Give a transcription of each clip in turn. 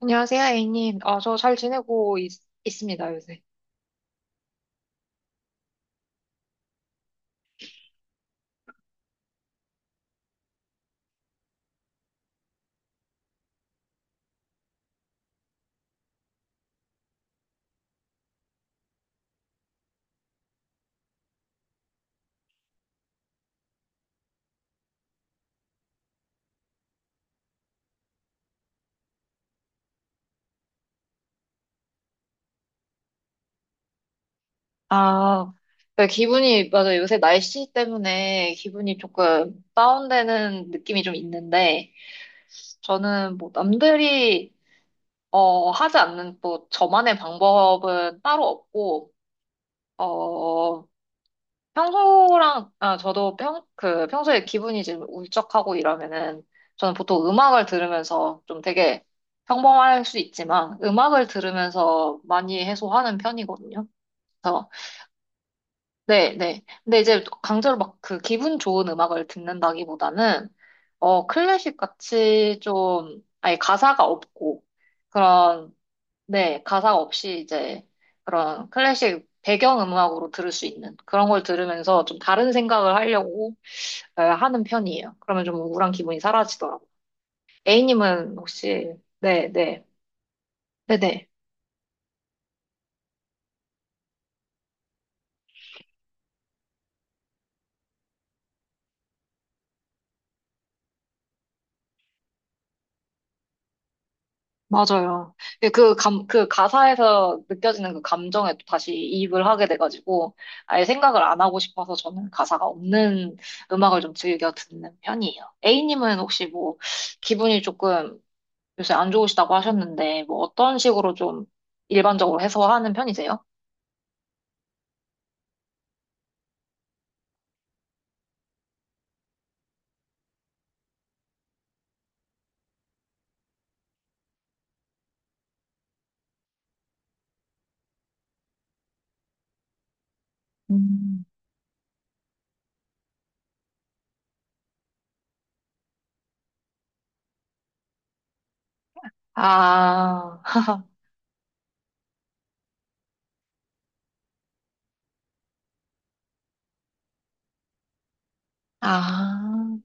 안녕하세요, A님. 저 잘 지내고 습니다 요새. 아, 네, 맞아요. 요새 날씨 때문에 기분이 조금 다운되는 느낌이 좀 있는데, 저는 뭐 남들이, 하지 않는 또 저만의 방법은 따로 없고, 어, 평소랑, 아, 저도 평, 그, 평소에 기분이 좀 울적하고 이러면은, 저는 보통 음악을 들으면서 좀 되게 평범할 수 있지만, 음악을 들으면서 많이 해소하는 편이거든요. 그래서, 네, 네. 근데 이제 강제로 막 그 기분 좋은 음악을 듣는다기보다는, 클래식 같이 좀, 아예 가사가 없고, 그런 네, 가사 없이 이제 그런 클래식 배경 음악으로 들을 수 있는 그런 걸 들으면서 좀 다른 생각을 하려고 하는 편이에요. 그러면 좀 우울한 기분이 사라지더라고요. A님은 혹시, 네, 네, 네네, 맞아요. 그 가사에서 느껴지는 그 감정에 또 다시 이입을 하게 돼가지고 아예 생각을 안 하고 싶어서 저는 가사가 없는 음악을 좀 즐겨 듣는 편이에요. A님은 혹시 뭐 기분이 조금 요새 안 좋으시다고 하셨는데, 뭐 어떤 식으로 좀 일반적으로 해소하는 편이세요? 음. 아. 아.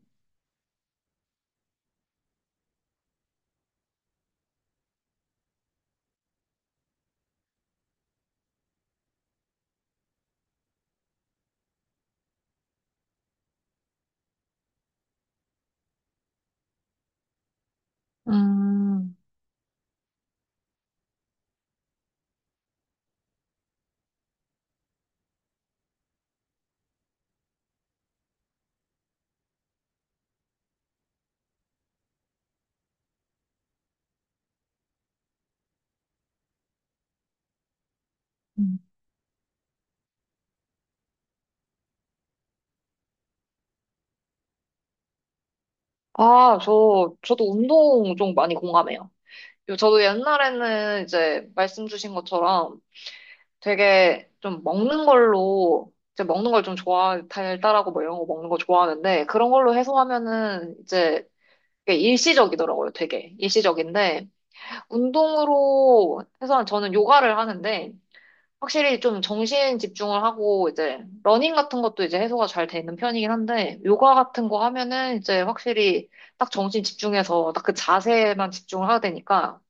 음. 음, 저도 운동 좀 많이 공감해요. 저도 옛날에는 이제 말씀 주신 것처럼 되게 좀 먹는 걸로, 이제 먹는 걸 달달하고 뭐 이런 거 먹는 거 좋아하는데, 그런 걸로 해소하면은 이제 그게 일시적이더라고요, 되게. 일시적인데, 운동으로 해서는 저는 요가를 하는데 확실히 좀 정신 집중을 하고 이제 러닝 같은 것도 이제 해소가 잘 되는 편이긴 한데 요가 같은 거 하면은 이제 확실히 딱 정신 집중해서 딱 그 자세만 집중을 하게 되니까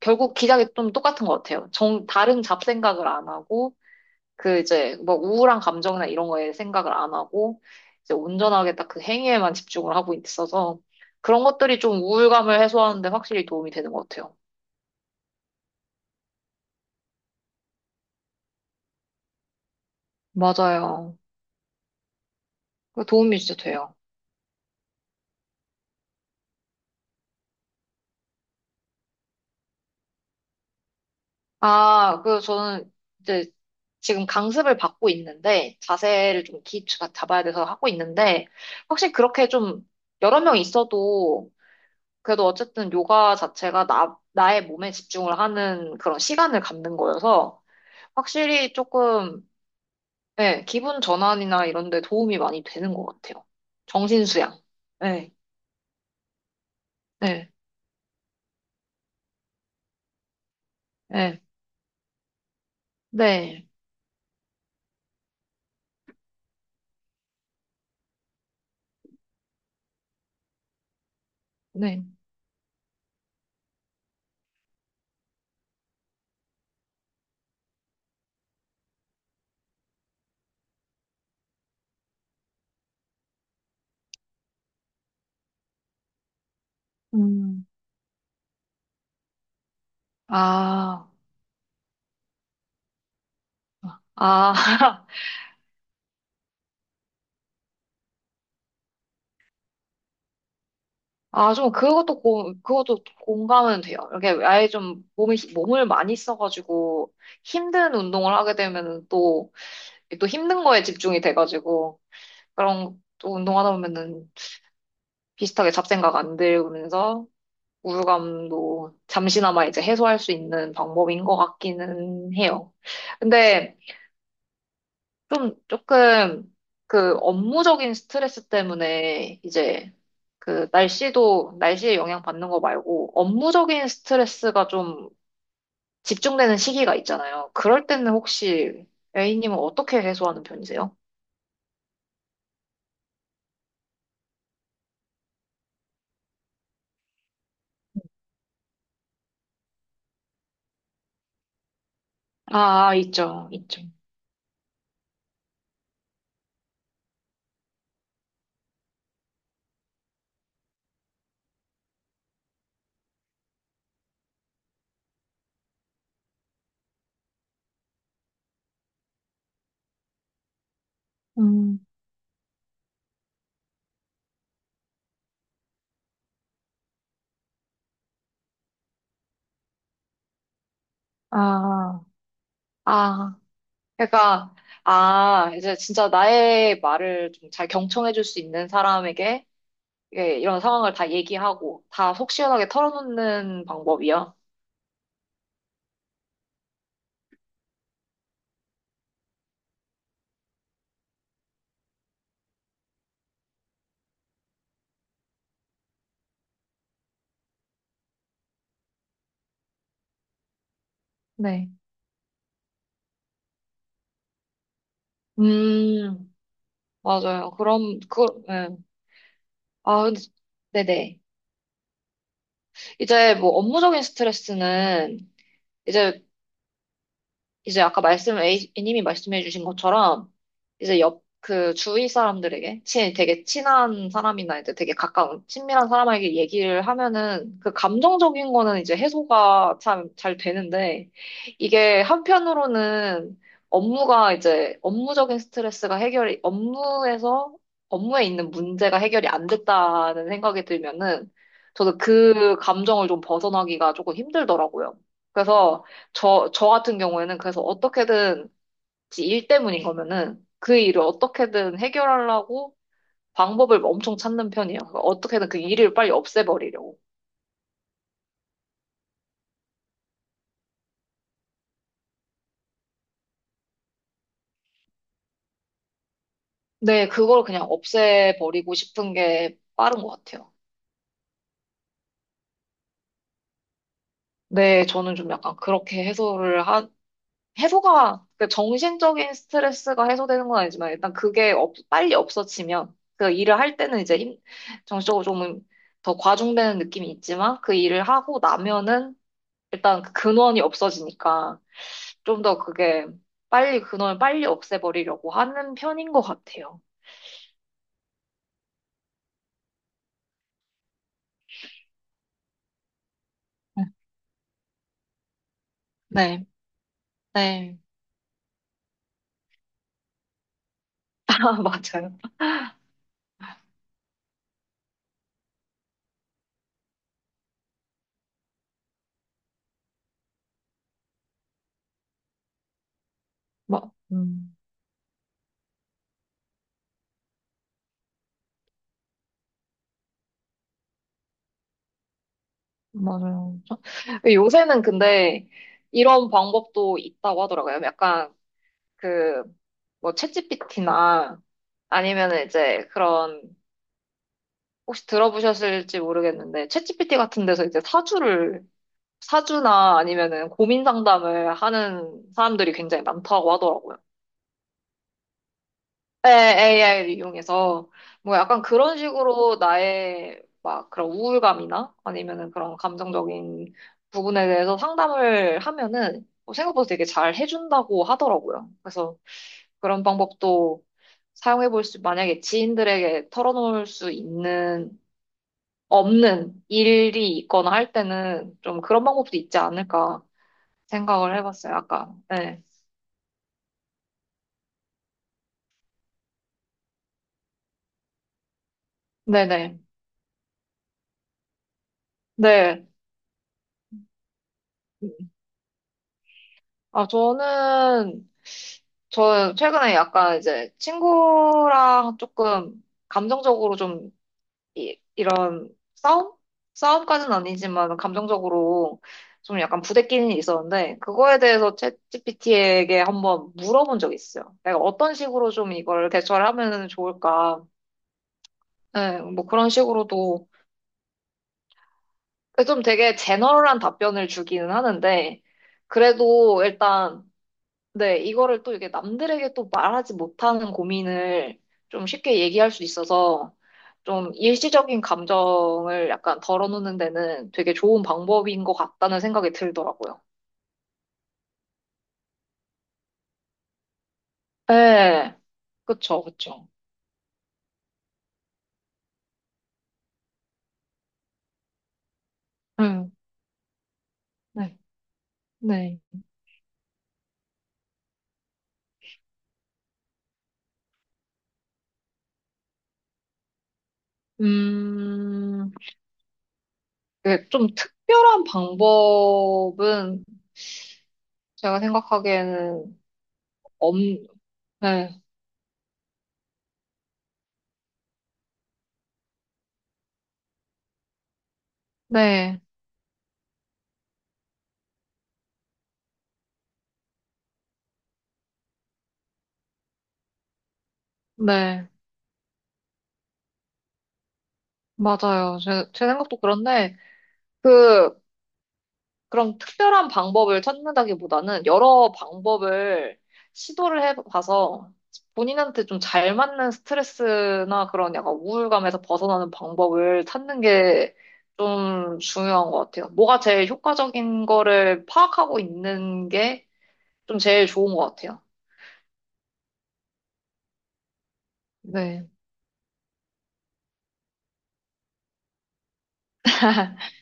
결국 기작이 좀 똑같은 것 같아요. 다른 잡생각을 안 하고 그 이제 뭐 우울한 감정이나 이런 거에 생각을 안 하고 이제 온전하게 딱 그 행위에만 집중을 하고 있어서 그런 것들이 좀 우울감을 해소하는데 확실히 도움이 되는 것 같아요. 맞아요. 그 도움이 진짜 돼요. 저는 이제 지금 강습을 받고 있는데 자세를 좀 기초가 잡아야 돼서 하고 있는데 확실히 그렇게 좀 여러 명 있어도 그래도 어쨌든 요가 자체가 나의 몸에 집중을 하는 그런 시간을 갖는 거여서 확실히 조금 예 기분 전환이나 이런 데 도움이 많이 되는 것 같아요. 정신 수양. 네, 네, 네, 네, 네. 음. 아, 아. 좀 그것도 공감은 돼요. 이렇게 아예 좀 몸을 많이 써가지고 힘든 운동을 하게 되면은 또 힘든 거에 집중이 돼가지고 그런 또 운동하다 보면은 비슷하게 잡생각 안 들면서 우울감도 잠시나마 이제 해소할 수 있는 방법인 것 같기는 해요. 근데 좀 조금 그 업무적인 스트레스 때문에 이제 그 날씨도 날씨에 영향 받는 거 말고 업무적인 스트레스가 좀 집중되는 시기가 있잖아요. 그럴 때는 혹시 A님은 어떻게 해소하는 편이세요? 아, 있죠, 있죠. 음, 아, 아, 그러니까, 아, 이제 진짜 나의 말을 좀 잘 경청해줄 수 있는 사람에게 예, 이런 상황을 다 얘기하고 다 속 시원하게 털어놓는 방법이요. 네. 음, 맞아요. 그럼, 예. 아, 근데, 네네. 이제 뭐 업무적인 스트레스는 이제 이제 아까 A님이 말씀해 주신 것처럼, 이제 옆, 그 주위 사람들에게, 되게 친한 사람이나 이제 되게 가까운, 친밀한 사람에게 얘기를 하면은, 그 감정적인 거는 이제 해소가 참 잘 되는데, 이게 한편으로는 업무가 이제, 업무적인 스트레스가 해결이, 업무에서, 업무에 있는 문제가 해결이 안 됐다는 생각이 들면은, 저도 그 감정을 좀 벗어나기가 조금 힘들더라고요. 그래서, 저 같은 경우에는 그래서 어떻게든 지 일 때문인 거면은 그 일을 어떻게든 해결하려고 방법을 엄청 찾는 편이에요. 그러니까 어떻게든 그 일을 빨리 없애버리려고. 네, 그걸 그냥 없애버리고 싶은 게 빠른 것 같아요. 네, 저는 좀 약간 그렇게 해소가, 그 정신적인 스트레스가 해소되는 건 아니지만 일단 그게 빨리 없어지면 그 일을 할 때는 이제 정신적으로 좀 더 과중되는 느낌이 있지만 그 일을 하고 나면은 일단 그 근원이 없어지니까 좀 더 그게 빨리 근원을 빨리 없애버리려고 하는 편인 것 같아요. 네, 네, 아, 맞아요. 마, 음, 맞아요. 요새는 근데 이런 방법도 있다고 하더라고요. 약간 그 뭐 챗GPT나 아니면 이제 그런 혹시 들어보셨을지 모르겠는데 챗GPT 같은 데서 이제 사주를 사주나 아니면은 고민 상담을 하는 사람들이 굉장히 많다고 하더라고요. 네, AI를 이용해서 뭐 약간 그런 식으로 나의 막 그런 우울감이나 아니면은 그런 감정적인 부분에 대해서 상담을 하면은 뭐 생각보다 되게 잘 해준다고 하더라고요. 그래서 그런 방법도 사용해 볼 수, 만약에 지인들에게 털어놓을 수 있는, 없는 일이 있거나 할 때는 좀 그런 방법도 있지 않을까 생각을 해봤어요, 아까. 네. 네네. 네. 음. 아, 저는 저 최근에 약간 이제 친구랑 조금 감정적으로 좀 이런 싸움? 싸움까지는 아니지만 감정적으로 좀 약간 부대끼는 일이 있었는데 그거에 대해서 챗GPT에게 한번 물어본 적이 있어요. 내가 어떤 식으로 좀 이걸 대처를 하면 좋을까? 네, 뭐 그런 식으로도 그 좀 되게 제너럴한 답변을 주기는 하는데 그래도 일단 네, 이거를 또 이게 남들에게 또 말하지 못하는 고민을 좀 쉽게 얘기할 수 있어서 좀 일시적인 감정을 약간 덜어놓는 데는 되게 좋은 방법인 것 같다는 생각이 들더라고요. 네, 그쵸, 그쵸. 음, 네, 네. 음, 그게 좀 특별한 방법은 제가 생각하기에는 엄, 네, 네, 네, 맞아요. 제 생각도 그런데, 그, 그런 특별한 방법을 찾는다기보다는 여러 방법을 시도를 해봐서 본인한테 좀 잘 맞는 스트레스나 그런 약간 우울감에서 벗어나는 방법을 찾는 게 좀 중요한 것 같아요. 뭐가 제일 효과적인 거를 파악하고 있는 게 좀 제일 좋은 것 같아요. 네.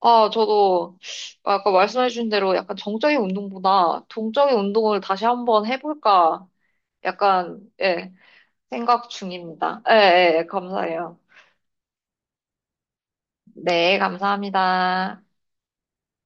아, 저도 아까 말씀해주신 대로 약간 정적인 운동보다 동적인 운동을 다시 한번 해볼까? 약간, 예. 생각 중입니다. 예, 예, 감사해요. 네, 감사합니다.